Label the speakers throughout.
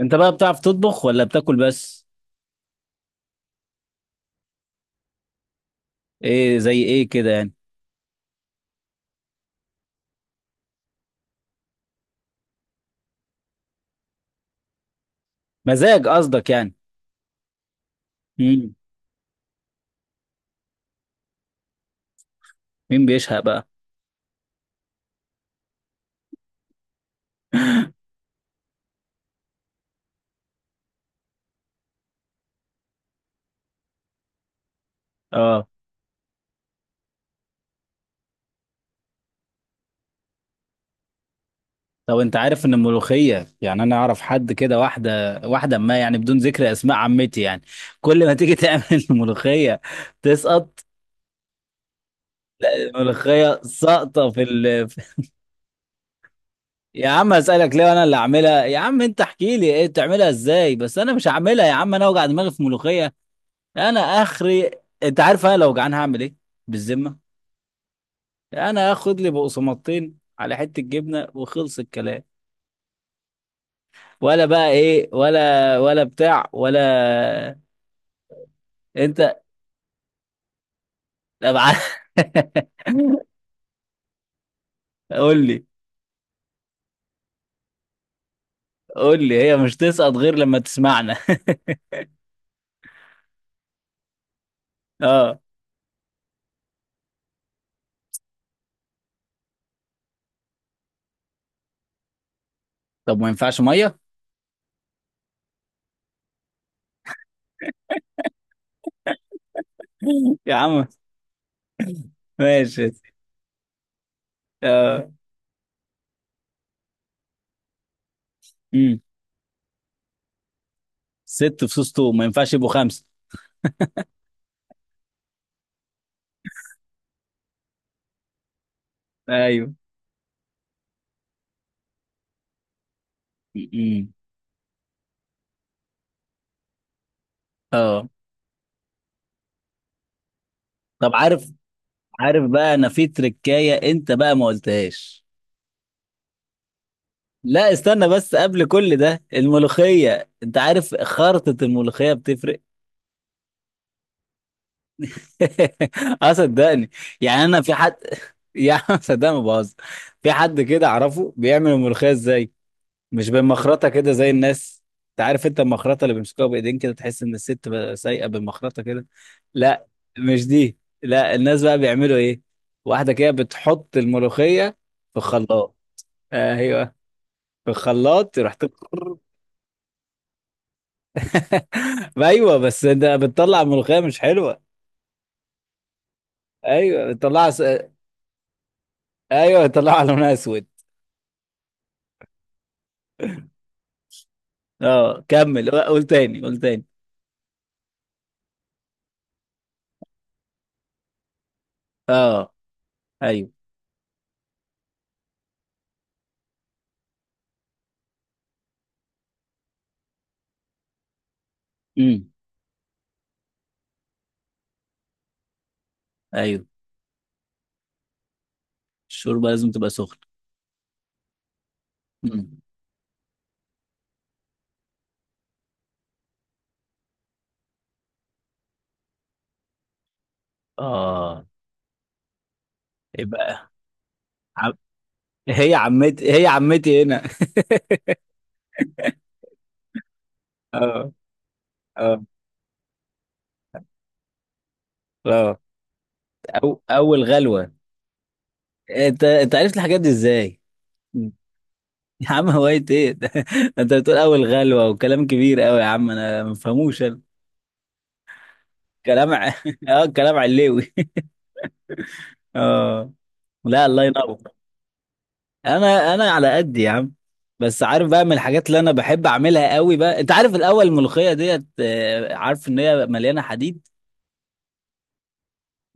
Speaker 1: انت بقى بتعرف تطبخ ولا بتاكل بس؟ ايه، زي ايه كده يعني؟ مزاج قصدك يعني؟ مم. مين بيشهق بقى؟ اه. طب انت عارف ان الملوخيه، يعني انا اعرف حد كده واحده واحده، ما يعني بدون ذكر اسماء، عمتي يعني، كل ما تيجي تعمل الملوخيه تسقط. الملوخيه ساقطه في يا عم اسالك ليه؟ انا اللي اعملها يا عم؟ انت احكي لي ايه بتعملها ازاي بس، انا مش هعملها يا عم، انا اوجع دماغي في ملوخيه. انا اخري. انت عارف انا لو جعان هعمل ايه؟ بالذمه. انا اخد لي بقسماطتين على حته جبنه وخلص الكلام، ولا بقى ايه؟ ولا ولا بتاع ولا. انت. طب ع- قول لي، قول لي. هي مش تسقط غير لما تسمعنا. اه. طب ما ينفعش ميه؟ يا عم ماشي. اه. امم. ست فصوص توم ما ينفعش يبقوا خمسه؟ ايوه. امم. اه. طب عارف؟ عارف بقى انا في تركايه انت بقى ما قلتهاش. لا استنى بس، قبل كل ده الملوخية انت عارف خرطة الملوخية بتفرق. اه صدقني. يعني انا في حد يا عم صدقني ما بهزر. في حد كده اعرفه بيعمل الملوخية ازاي، مش بالمخرطة كده زي الناس. انت عارف، انت المخرطة اللي بيمسكوها بايدين كده، تحس ان الست بقى سايقة بالمخرطة كده. لا، مش دي. لا، الناس بقى بيعملوا ايه؟ واحدة كده بتحط الملوخية في الخلاط. ايوه، في الخلاط رحت. ما ايوه، بس انت بتطلع ملوخيه مش حلوه. ايوه بتطلع ايوه بتطلع لونها اسود. اه كمل، قول تاني، قول تاني. اه. ايوه. امم. ايوه، الشوربه لازم تبقى سخنه. امم. اه. يبقى عم... هي عمتي، هي عمتي هنا. اه. اه. اه. اول غلوه. انت، انت عرفت الحاجات دي ازاي؟ مم. يا عم هوايه ايه ده؟ انت بتقول اول غلوه وكلام كبير قوي، يا عم انا ما بفهموش أنا. كلام ع- اه كلام علوي. اه. لا الله ينور. انا انا على قد يا عم، بس عارف بقى من الحاجات اللي انا بحب اعملها قوي بقى، انت عارف، الاول الملوخيه ديت، عارف ان هي مليانه حديد.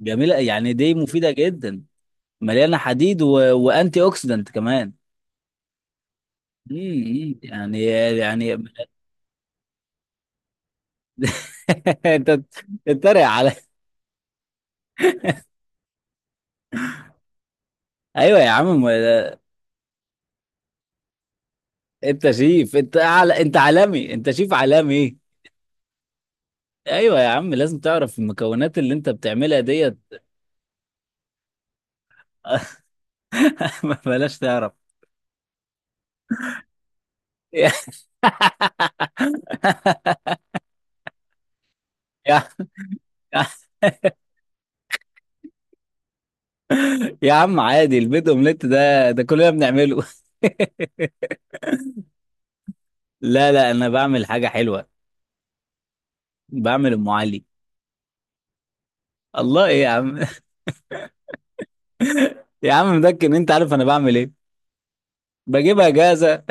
Speaker 1: جميله يعني، دي مفيده جدا. مليانه حديد وانتي اوكسيدنت كمان. يعني. يعني. انت بتتريق على؟ ايوه يا عم انت شيف، انت على، انت عالمي، انت شيف عالمي. ايوه يا عم، لازم تعرف المكونات اللي انت بتعملها ديت. بلاش تعرف. يا يا عم عادي، البيض اومليت ده، ده كلنا بنعمله. لا لا، انا بعمل حاجه حلوه، بعمل ام علي. الله ايه يا عم؟ يا عم مدكن، انت عارف انا بعمل ايه؟ بجيبها جاهزه.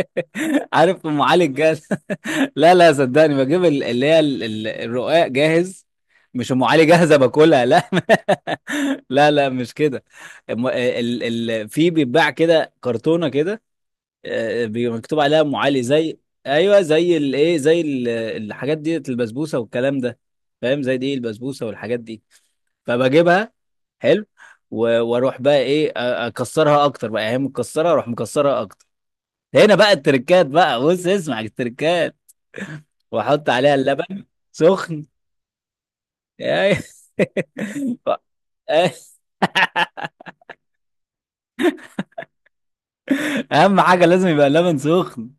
Speaker 1: عارف ام علي الجاهزه؟ لا لا صدقني، بجيب اللي هي الرقاق جاهز. مش ام علي جاهزه باكلها لا. لا لا مش كده. ال ال في، بيتباع كده كرتونه كده، بيبقى مكتوب عليها ام علي زي، ايوه زي الايه، زي الحاجات دي، البسبوسه والكلام ده، فاهم؟ زي دي، البسبوسه والحاجات دي، فبجيبها. حلو. واروح بقى ايه، اكسرها اكتر بقى، يعني هي مكسره اروح مكسرها اكتر. هنا بقى التركات، بقى بص اسمع التركات. واحط عليها اللبن سخن. أي- اهم حاجه لازم يبقى اللبن سخن.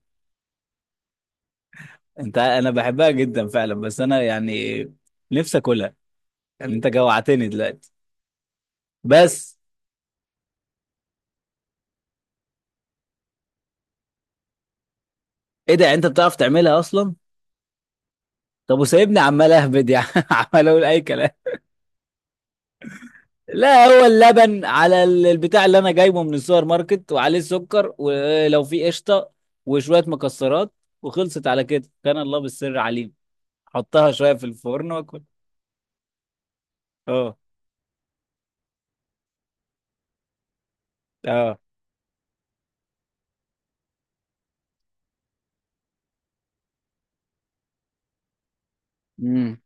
Speaker 1: انت، انا بحبها جدا فعلا، بس انا يعني نفسي اكلها، يعني انت جوعتني دلوقتي، بس. ايه ده، يعني انت بتعرف تعملها اصلا؟ طب وسايبني عمال اهبد يعني عمال اقول اي كلام. لا هو اللبن على البتاع اللي انا جايبه من السوبر ماركت، وعليه السكر، ولو في قشطه وشويه مكسرات، وخلصت. على كده كان الله بالسر عليم، حطها شويه في الفرن واكل. اه. اه. امم.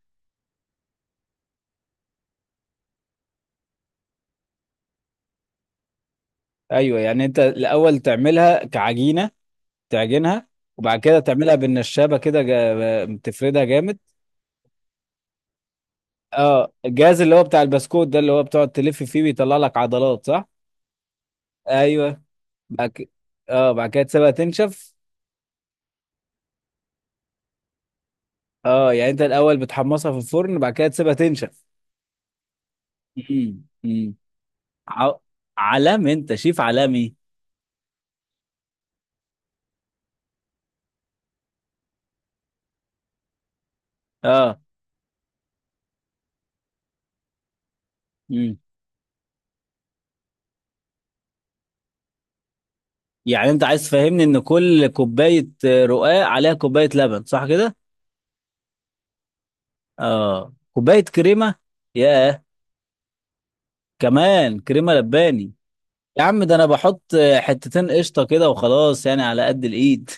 Speaker 1: ايوه، يعني انت الاول تعملها كعجينه، تعجنها وبعد كده تعملها بالنشابه كده، تفردها جامد. اه، الجهاز اللي هو بتاع البسكوت ده، اللي هو بتقعد تلف فيه بيطلع لك عضلات، صح؟ ايوه. بعد كده، اه بعد كده تسيبها تنشف. اه، يعني انت الاول بتحمصها في الفرن، بعد كده تسيبها تنشف. امم. امم. ع... علام، انت شيف عالمي. اه. امم. يعني انت عايز تفهمني ان كل كوبايه رقاق عليها كوبايه لبن، صح كده؟ اه كوبايه كريمه. ياه، كمان كريمه لباني. يا عم ده انا بحط حتتين قشطه كده وخلاص، يعني على قد الايد.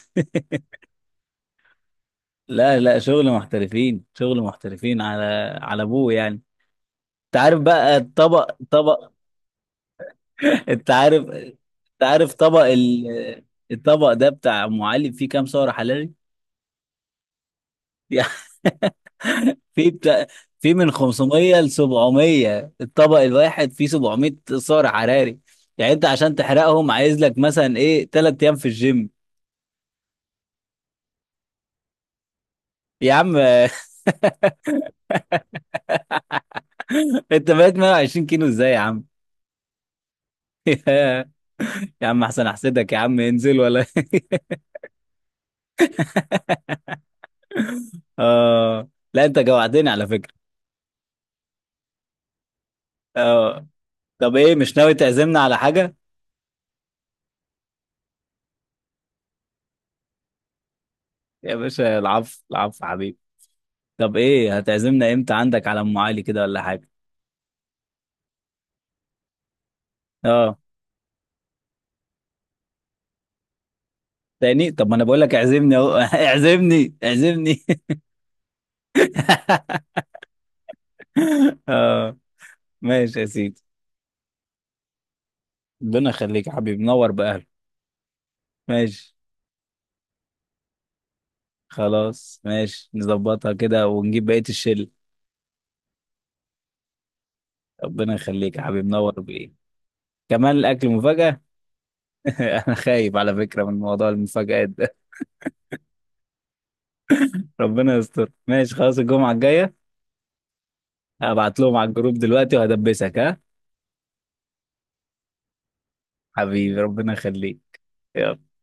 Speaker 1: لا لا، شغل محترفين، شغل محترفين على على ابوه يعني. انت عارف بقى الطبق طبق. انت عارف، انت عارف طبق الطبق ده بتاع ام علي فيه كام سعر حراري؟ يعني في بتاع، في من 500 ل 700، الطبق الواحد فيه 700 سعر حراري، يعني انت عشان تحرقهم عايز لك مثلا ايه، 3 ايام في الجيم. يا عم انت بقيت 120 كيلو ازاي يا عم؟ يا عم احسن، احسدك يا عم انزل، ولا اه، لا انت جوعتني على فكرة. اه. طب ايه، مش ناوي تعزمنا على حاجة؟ يا باشا العفو العفو حبيبي. طب ايه، هتعزمنا امتى عندك على ام علي كده ولا حاجة؟ اه. تاني؟ طب ما انا بقول لك اعزمني اهو اعزمني اعزمني. اه. ماشي يا سيدي. ربنا يخليك يا حبيبي، نور باهلك. ماشي. خلاص ماشي، نظبطها كده ونجيب بقية الشل. ربنا يخليك يا حبيبي نور بايه. كمان الاكل مفاجأة. انا خايف على فكرة من موضوع المفاجآت ده. ربنا يستر، ماشي خلاص الجمعة الجاية. هبعت لهم على الجروب دلوقتي وهدبسك ها. حبيبي ربنا يخليك. يلا.